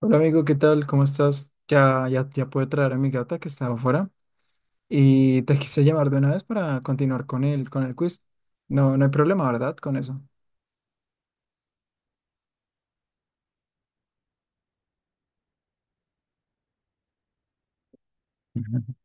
Hola amigo, ¿qué tal? ¿Cómo estás? Ya, ya, ya pude traer a mi gata que estaba afuera y te quise llamar de una vez para continuar con el quiz. No, no hay problema, ¿verdad? Con eso.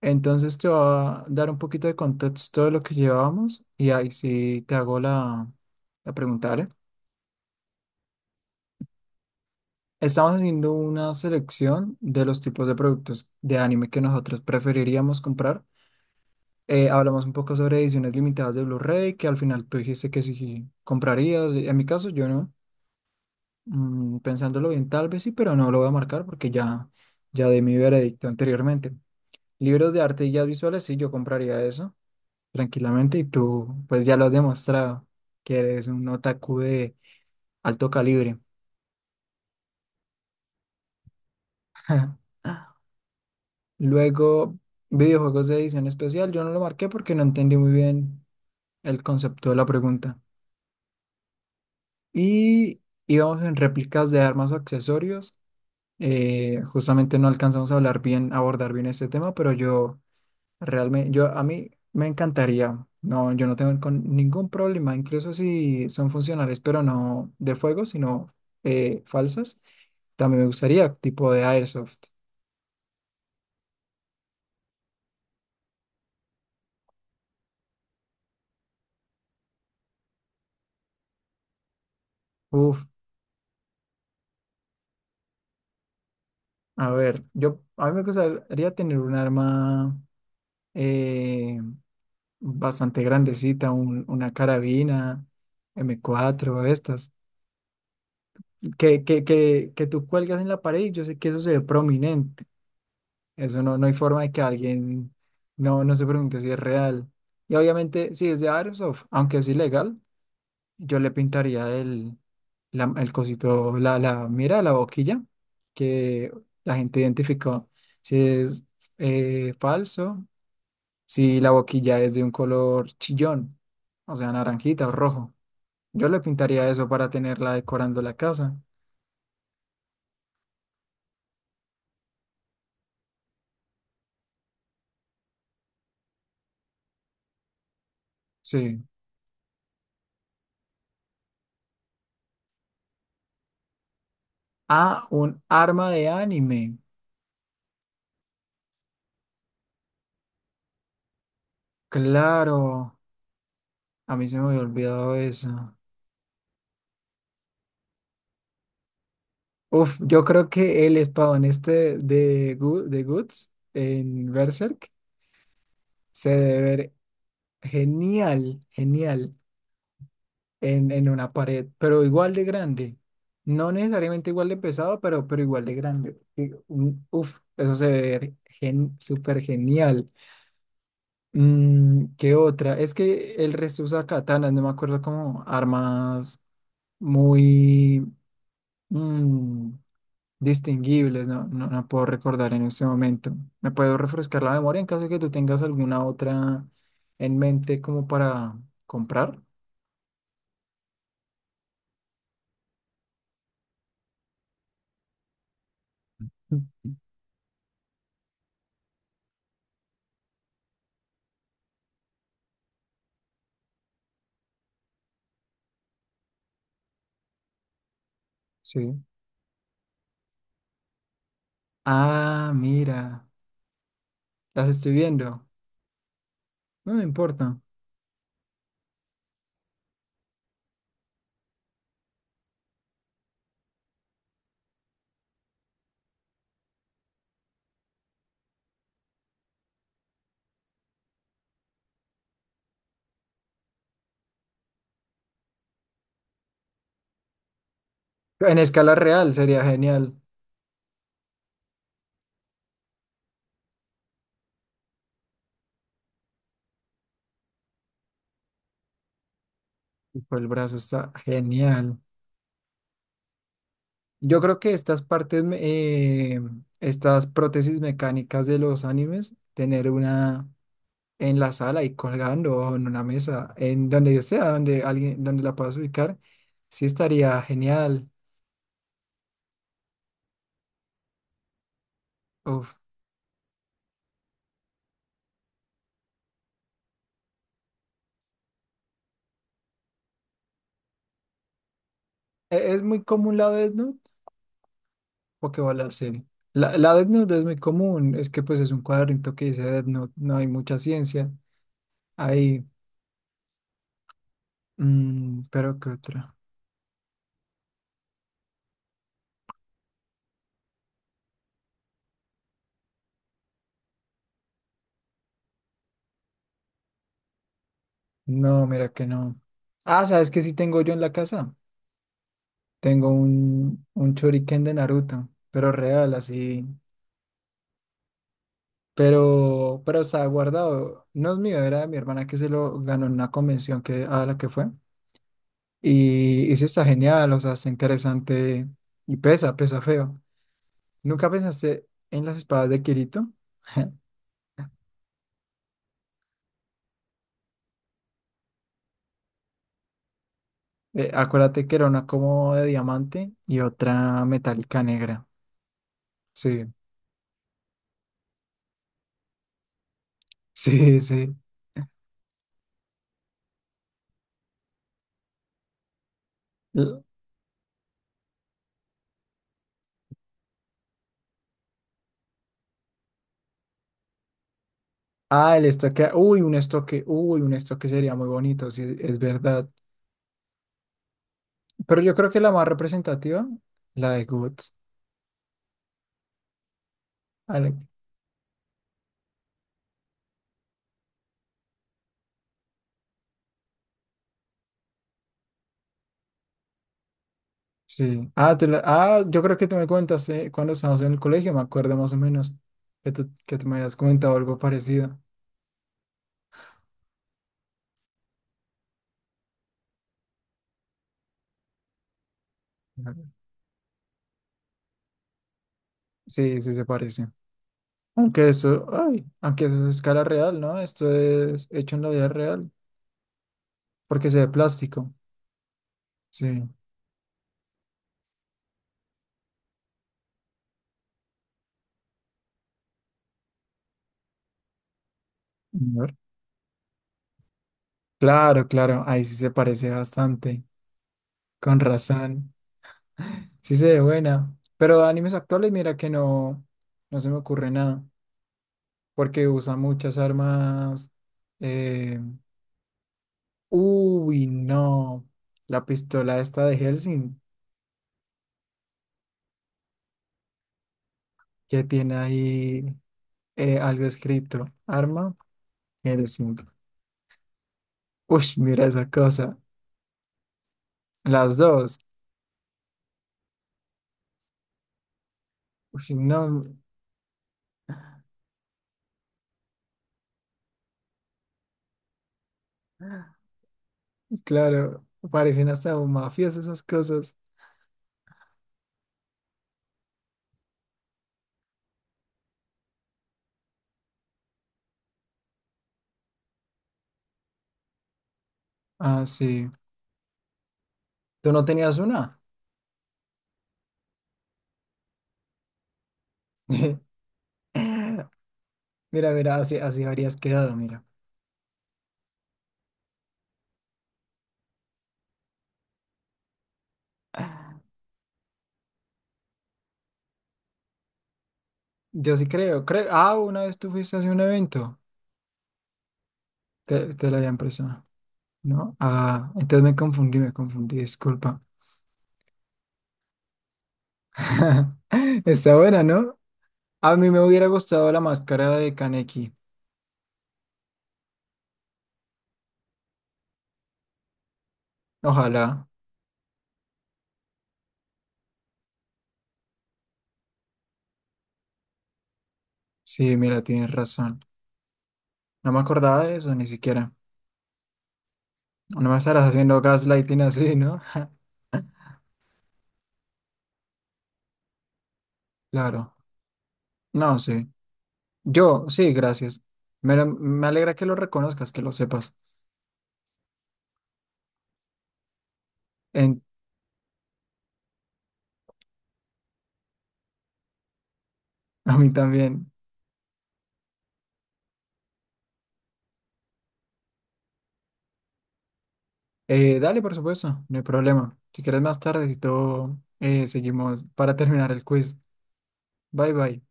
Entonces te voy a dar un poquito de contexto de lo que llevábamos y ahí sí te hago la pregunta, ¿vale? Estamos haciendo una selección de los tipos de productos de anime que nosotros preferiríamos comprar. Hablamos un poco sobre ediciones limitadas de Blu-ray, que al final tú dijiste que sí comprarías. En mi caso, yo no. Mm, pensándolo bien, tal vez sí, pero no lo voy a marcar porque ya, ya di mi veredicto anteriormente. Libros de arte y guías visuales, sí, yo compraría eso tranquilamente y tú, pues ya lo has demostrado, que eres un otaku de alto calibre. Luego, videojuegos de edición especial, yo no lo marqué porque no entendí muy bien el concepto de la pregunta. Y íbamos en réplicas de armas o accesorios. Justamente no alcanzamos a hablar bien, a abordar bien este tema, pero yo realmente, yo a mí me encantaría. No, yo no tengo ningún problema, incluso si son funcionales, pero no de fuego, sino falsas. También me gustaría tipo de airsoft. Uf, a ver, yo a mí me gustaría tener un arma eh, bastante grandecita, una carabina M4, estas, que tú cuelgas en la pared y yo sé que eso se ve prominente. Eso no, no hay forma de que alguien no, no se pregunte si es real. Y obviamente, si es de Airsoft, aunque es ilegal, yo le pintaría el cosito, la mira, la boquilla, que la gente identificó si es falso, si la boquilla es de un color chillón, o sea, naranjita o rojo. Yo le pintaría eso para tenerla decorando la casa. Sí. Ah, un arma de anime. Claro. A mí se me había olvidado eso. Uf, yo creo que el espadón de Guts en Berserk se debe ver genial, genial en una pared, pero igual de grande. No necesariamente igual de pesado, pero igual de grande. Y, mm, uf, eso se debe ver súper genial. Mm, ¿qué otra? Es que el resto usa katanas, no me acuerdo como armas muy... mm, distinguibles, no, no, no puedo recordar en este momento. ¿Me puedo refrescar la memoria en caso de que tú tengas alguna otra en mente como para comprar? Sí. Ah, mira, las estoy viendo. No me importa. En escala real sería genial. Tipo, el brazo está genial. Yo creo que estas partes, estas prótesis mecánicas de los animes, tener una en la sala y colgando o en una mesa, en donde yo sea, donde alguien, donde la puedas ubicar, sí estaría genial. Uf. Es muy común la Death Note. Pokébola, sí. La Death Note es muy común, es que pues es un cuadrito que dice Death Note, no hay mucha ciencia ahí. Mm, pero ¿qué otra? No, mira que no. Ah, ¿sabes qué sí tengo yo en la casa? Tengo un shuriken de Naruto, pero real, así. Pero estaba guardado. No es mío, era de mi hermana que se lo ganó en una convención que, a la que fue. Y sí está genial, o sea, está interesante y pesa, pesa feo. ¿Nunca pensaste en las espadas de Kirito? Acuérdate que era una como de diamante y otra metálica negra. Sí, sí, sí. L- Ah, el estoque. Uy, un estoque. Uy, un estoque sería muy bonito, sí, es verdad. Pero yo creo que la más representativa, la de Guts. Sí. Yo creo que tú me contaste cuando estábamos en el colegio, me acuerdo más o menos que tú me habías comentado algo parecido. Ujú. Sí, sí se parece. Aunque eso, ay, aunque eso es a escala real, ¿no? Esto es hecho en la vida real, porque se ve plástico. Sí. A ver. Claro, claro, ahí sí se parece bastante, con razón. Sí se ve buena. Pero de animes actuales, mira que no, no se me ocurre nada, porque usa muchas armas. eh, Uy, no. La pistola esta de Helsing, que tiene ahí algo escrito. Arma Helsing. Uy, mira esa cosa. Las dos. Uy, no, claro. Parecen hasta un mafioso esas cosas. Ah, sí. ¿Tú no tenías una? Mira, mira, así, así habrías quedado, mira. Yo sí creo, creo. Ah, una vez tú fuiste a hacer un evento. Te la habían prestado, ¿no? Ah, entonces me confundí, disculpa. Está buena, ¿no? A mí me hubiera gustado la máscara de Kaneki. Ojalá. Sí, mira, tienes razón. No me acordaba de eso ni siquiera. No me estarás haciendo gaslighting así, ¿no? Claro. No, sí. Yo, sí, gracias. Me alegra que lo reconozcas, que lo sepas. En, a mí también. Dale, por supuesto, no hay problema. Si quieres más tarde, si todo, seguimos para terminar el quiz. Bye, bye.